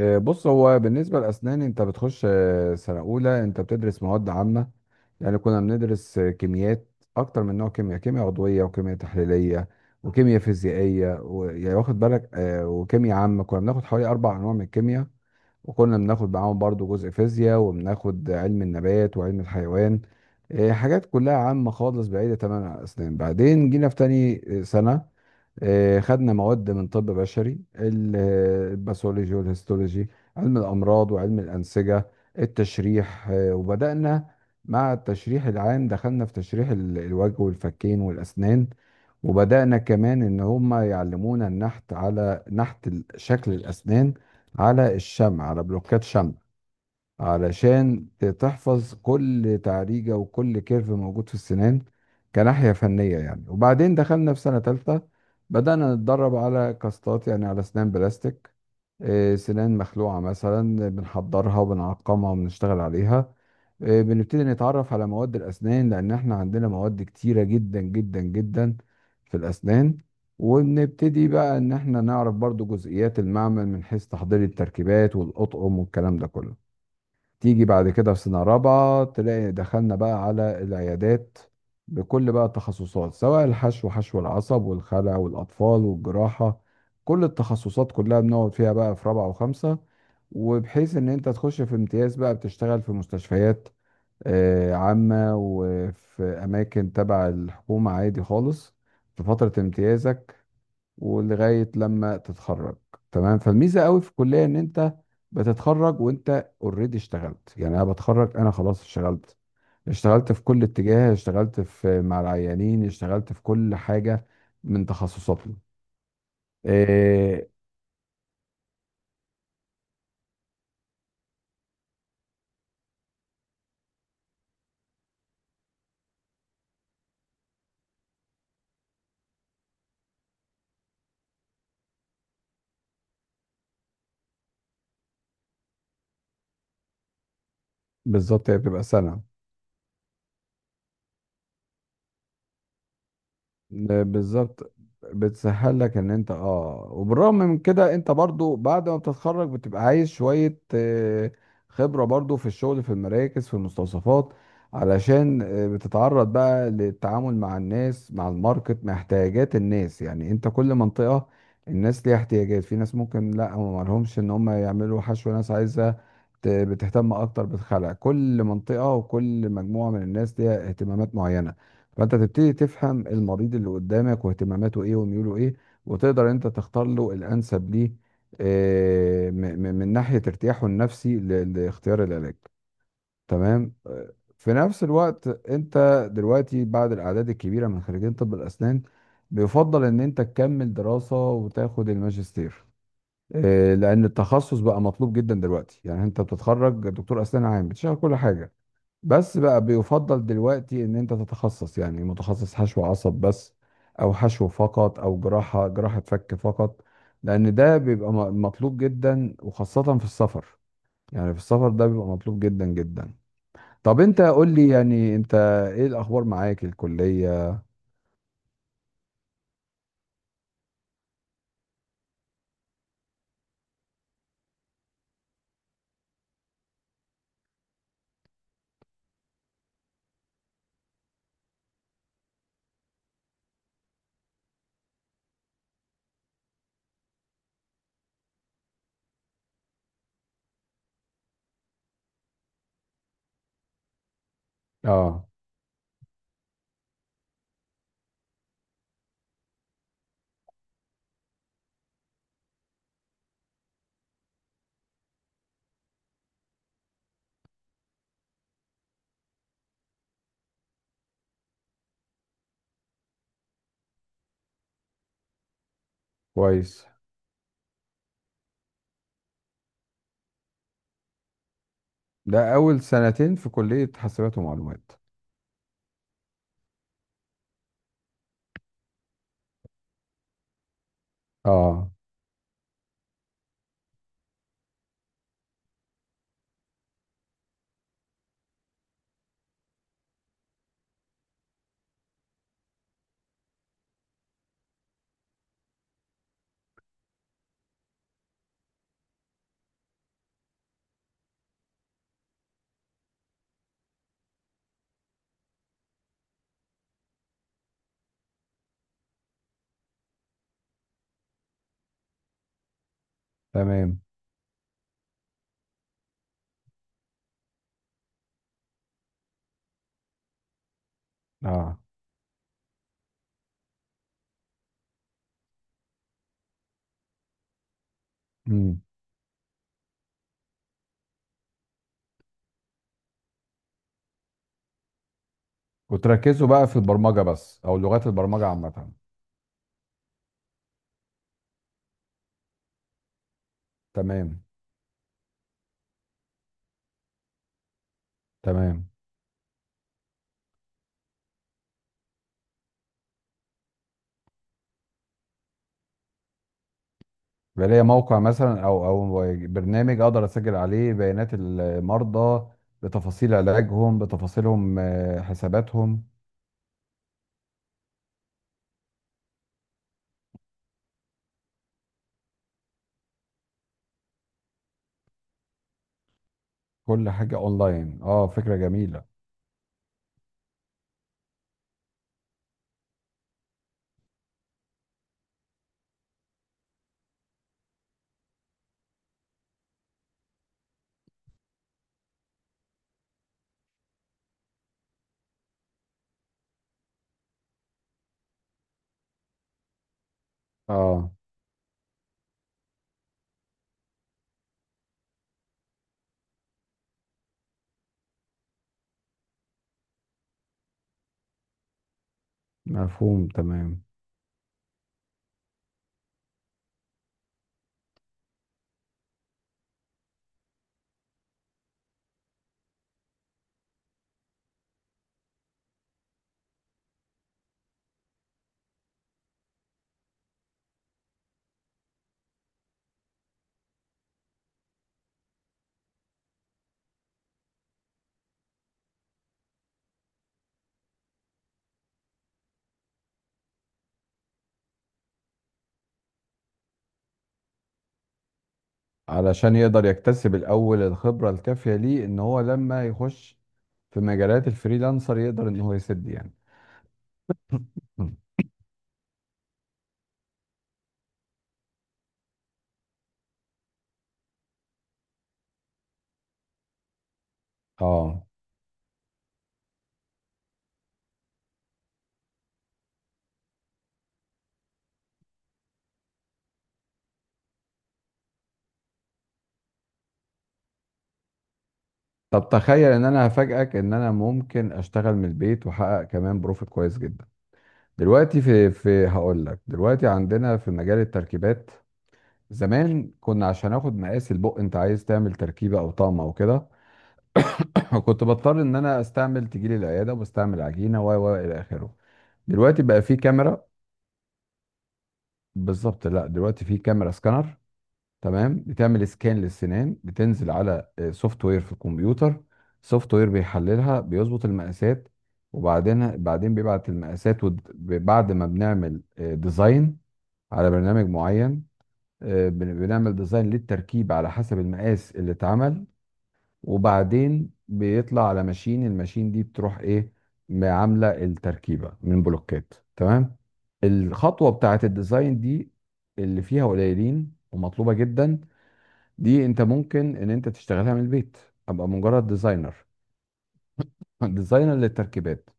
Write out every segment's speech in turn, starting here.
آه، بص. هو بالنسبة لأسنان أنت بتخش سنة أولى أنت بتدرس مواد عامة. يعني كنا بندرس كيميات أكتر من نوع، كيمياء كيمياء عضوية، وكيمياء تحليلية، وكيمياء فيزيائية، و... يعني واخد بالك، وكيمياء عامة. كنا بناخد حوالي أربع أنواع من الكيمياء، وكنا بناخد معاهم برضو جزء فيزياء، وبناخد علم النبات وعلم الحيوان. حاجات كلها عامة خالص، بعيدة تماما عن الأسنان. بعدين جينا في تاني سنة، خدنا مواد من طب بشري، الباثولوجي والهيستولوجي، علم الأمراض وعلم الأنسجة، التشريح. وبدأنا مع التشريح العام، دخلنا في تشريح الوجه والفكين والأسنان. وبدأنا كمان إن هم يعلمونا النحت، على نحت شكل الأسنان، على الشمع، على بلوكات شمع، علشان تحفظ كل تعريجة وكل كيرف موجود في السنان، كناحية فنية يعني. وبعدين دخلنا في سنة تالتة، بدأنا نتدرب على كاستات، يعني على أسنان بلاستيك. سنان مخلوعة مثلا، بنحضرها وبنعقمها وبنشتغل عليها. بنبتدي نتعرف على مواد الأسنان، لأن احنا عندنا مواد كتيرة جدا جدا جدا في الأسنان. وبنبتدي بقى إن احنا نعرف برضو جزئيات المعمل، من حيث تحضير التركيبات والأطقم والكلام ده كله. تيجي بعد كده في سنة رابعة، تلاقي دخلنا بقى على العيادات بكل بقى التخصصات، سواء الحشو، حشو العصب، والخلع، والأطفال، والجراحة. كل التخصصات كلها بنقعد فيها بقى في رابعة وخمسة، وبحيث إن أنت تخش في امتياز بقى بتشتغل في مستشفيات عامة، وفي أماكن تبع الحكومة عادي خالص، في فترة امتيازك ولغايه لما تتخرج. تمام. فالميزه قوي في الكليه ان انت بتتخرج وانت اوريدي اشتغلت. يعني انا بتخرج انا خلاص اشتغلت، اشتغلت في كل اتجاه، اشتغلت في مع العيانين، اشتغلت في كل حاجه من تخصصاتنا. إيه؟ بالظبط، هي بتبقى سنه. بالظبط، بتسهل لك ان انت وبالرغم من كده انت برضو بعد ما بتتخرج بتبقى عايز شوية خبرة برضو في الشغل، في المراكز، في المستوصفات، علشان بتتعرض بقى للتعامل مع الناس، مع الماركت، مع احتياجات الناس. يعني انت كل منطقة الناس ليها احتياجات، في ناس ممكن لا ما لهمش ان هم يعملوا حشو، ناس عايزة بتهتم اكتر بالخلع. كل منطقة وكل مجموعة من الناس ليها اهتمامات معينة، فانت تبتدي تفهم المريض اللي قدامك واهتماماته ايه وميوله ايه، وتقدر انت تختار له الانسب ليه، من ناحية ارتياحه النفسي لاختيار العلاج. تمام. في نفس الوقت انت دلوقتي بعد الاعداد الكبيرة من خريجين طب الاسنان، بيفضل ان انت تكمل دراسة وتاخد الماجستير، لان التخصص بقى مطلوب جدا دلوقتي. يعني انت بتتخرج دكتور اسنان عام بتشتغل كل حاجة، بس بقى بيفضل دلوقتي ان انت تتخصص. يعني متخصص حشو عصب بس، او حشو فقط، او جراحة، جراحة فك فقط، لان ده بيبقى مطلوب جدا، وخاصة في السفر. يعني في السفر ده بيبقى مطلوب جدا جدا. طب انت قول لي يعني انت ايه الاخبار معاك الكلية؟ اه، كويس. ده اول سنتين في كلية حاسبات ومعلومات. اه، تمام. اه. امم. وتركزوا بقى في البرمجة بس او لغات البرمجة عامة؟ تمام. تمام، يبقى ليا موقع مثلا، او او برنامج اقدر اسجل عليه بيانات المرضى، بتفاصيل علاجهم، بتفاصيلهم، حساباتهم، كل حاجة اونلاين. اه، فكرة جميلة. اه، مفهوم، تمام. علشان يقدر يكتسب الاول الخبرة الكافية ليه، ان هو لما يخش في مجالات الفريلانسر يقدر ان هو يسد يعني. مم. اه. طب تخيل ان انا هفاجئك ان انا ممكن اشتغل من البيت واحقق كمان بروفيت كويس جدا. دلوقتي في في هقول لك، دلوقتي عندنا في مجال التركيبات. زمان كنا، عشان اخد مقاس البق انت عايز تعمل تركيبه او طقم او كده، كنت بضطر ان انا استعمل، تجيلي العياده وبستعمل عجينه و الى اخره. دلوقتي بقى في كاميرا. بالظبط، لا دلوقتي في كاميرا سكانر. تمام، بتعمل سكان للسنان، بتنزل على سوفت وير في الكمبيوتر. سوفت وير بيحللها، بيظبط المقاسات، وبعدين بيبعت المقاسات، بعد ما بنعمل ديزاين على برنامج معين. بنعمل ديزاين للتركيب على حسب المقاس اللي اتعمل، وبعدين بيطلع على ماشين. الماشين دي بتروح ايه، عامله التركيبه من بلوكات. تمام. الخطوه بتاعه الديزاين دي اللي فيها قليلين ومطلوبه جدا، دي انت ممكن ان انت تشتغلها من البيت، ابقى مجرد ديزاينر. ديزاينر للتركيبات.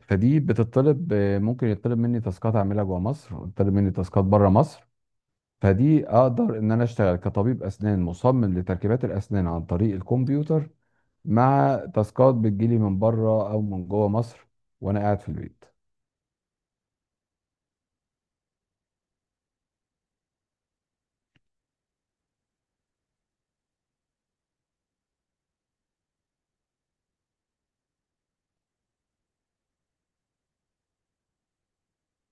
فدي بتطلب ممكن يطلب مني تاسكات اعملها جوه مصر، ويطلب مني تاسكات بره مصر. فدي اقدر ان انا اشتغل كطبيب اسنان مصمم لتركيبات الاسنان عن طريق الكمبيوتر، مع تاسكات بتجيلي من بره او من جوه مصر، وانا قاعد في البيت.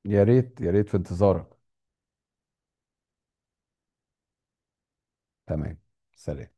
يا ريت يا ريت، في انتظارك. تمام، سلام.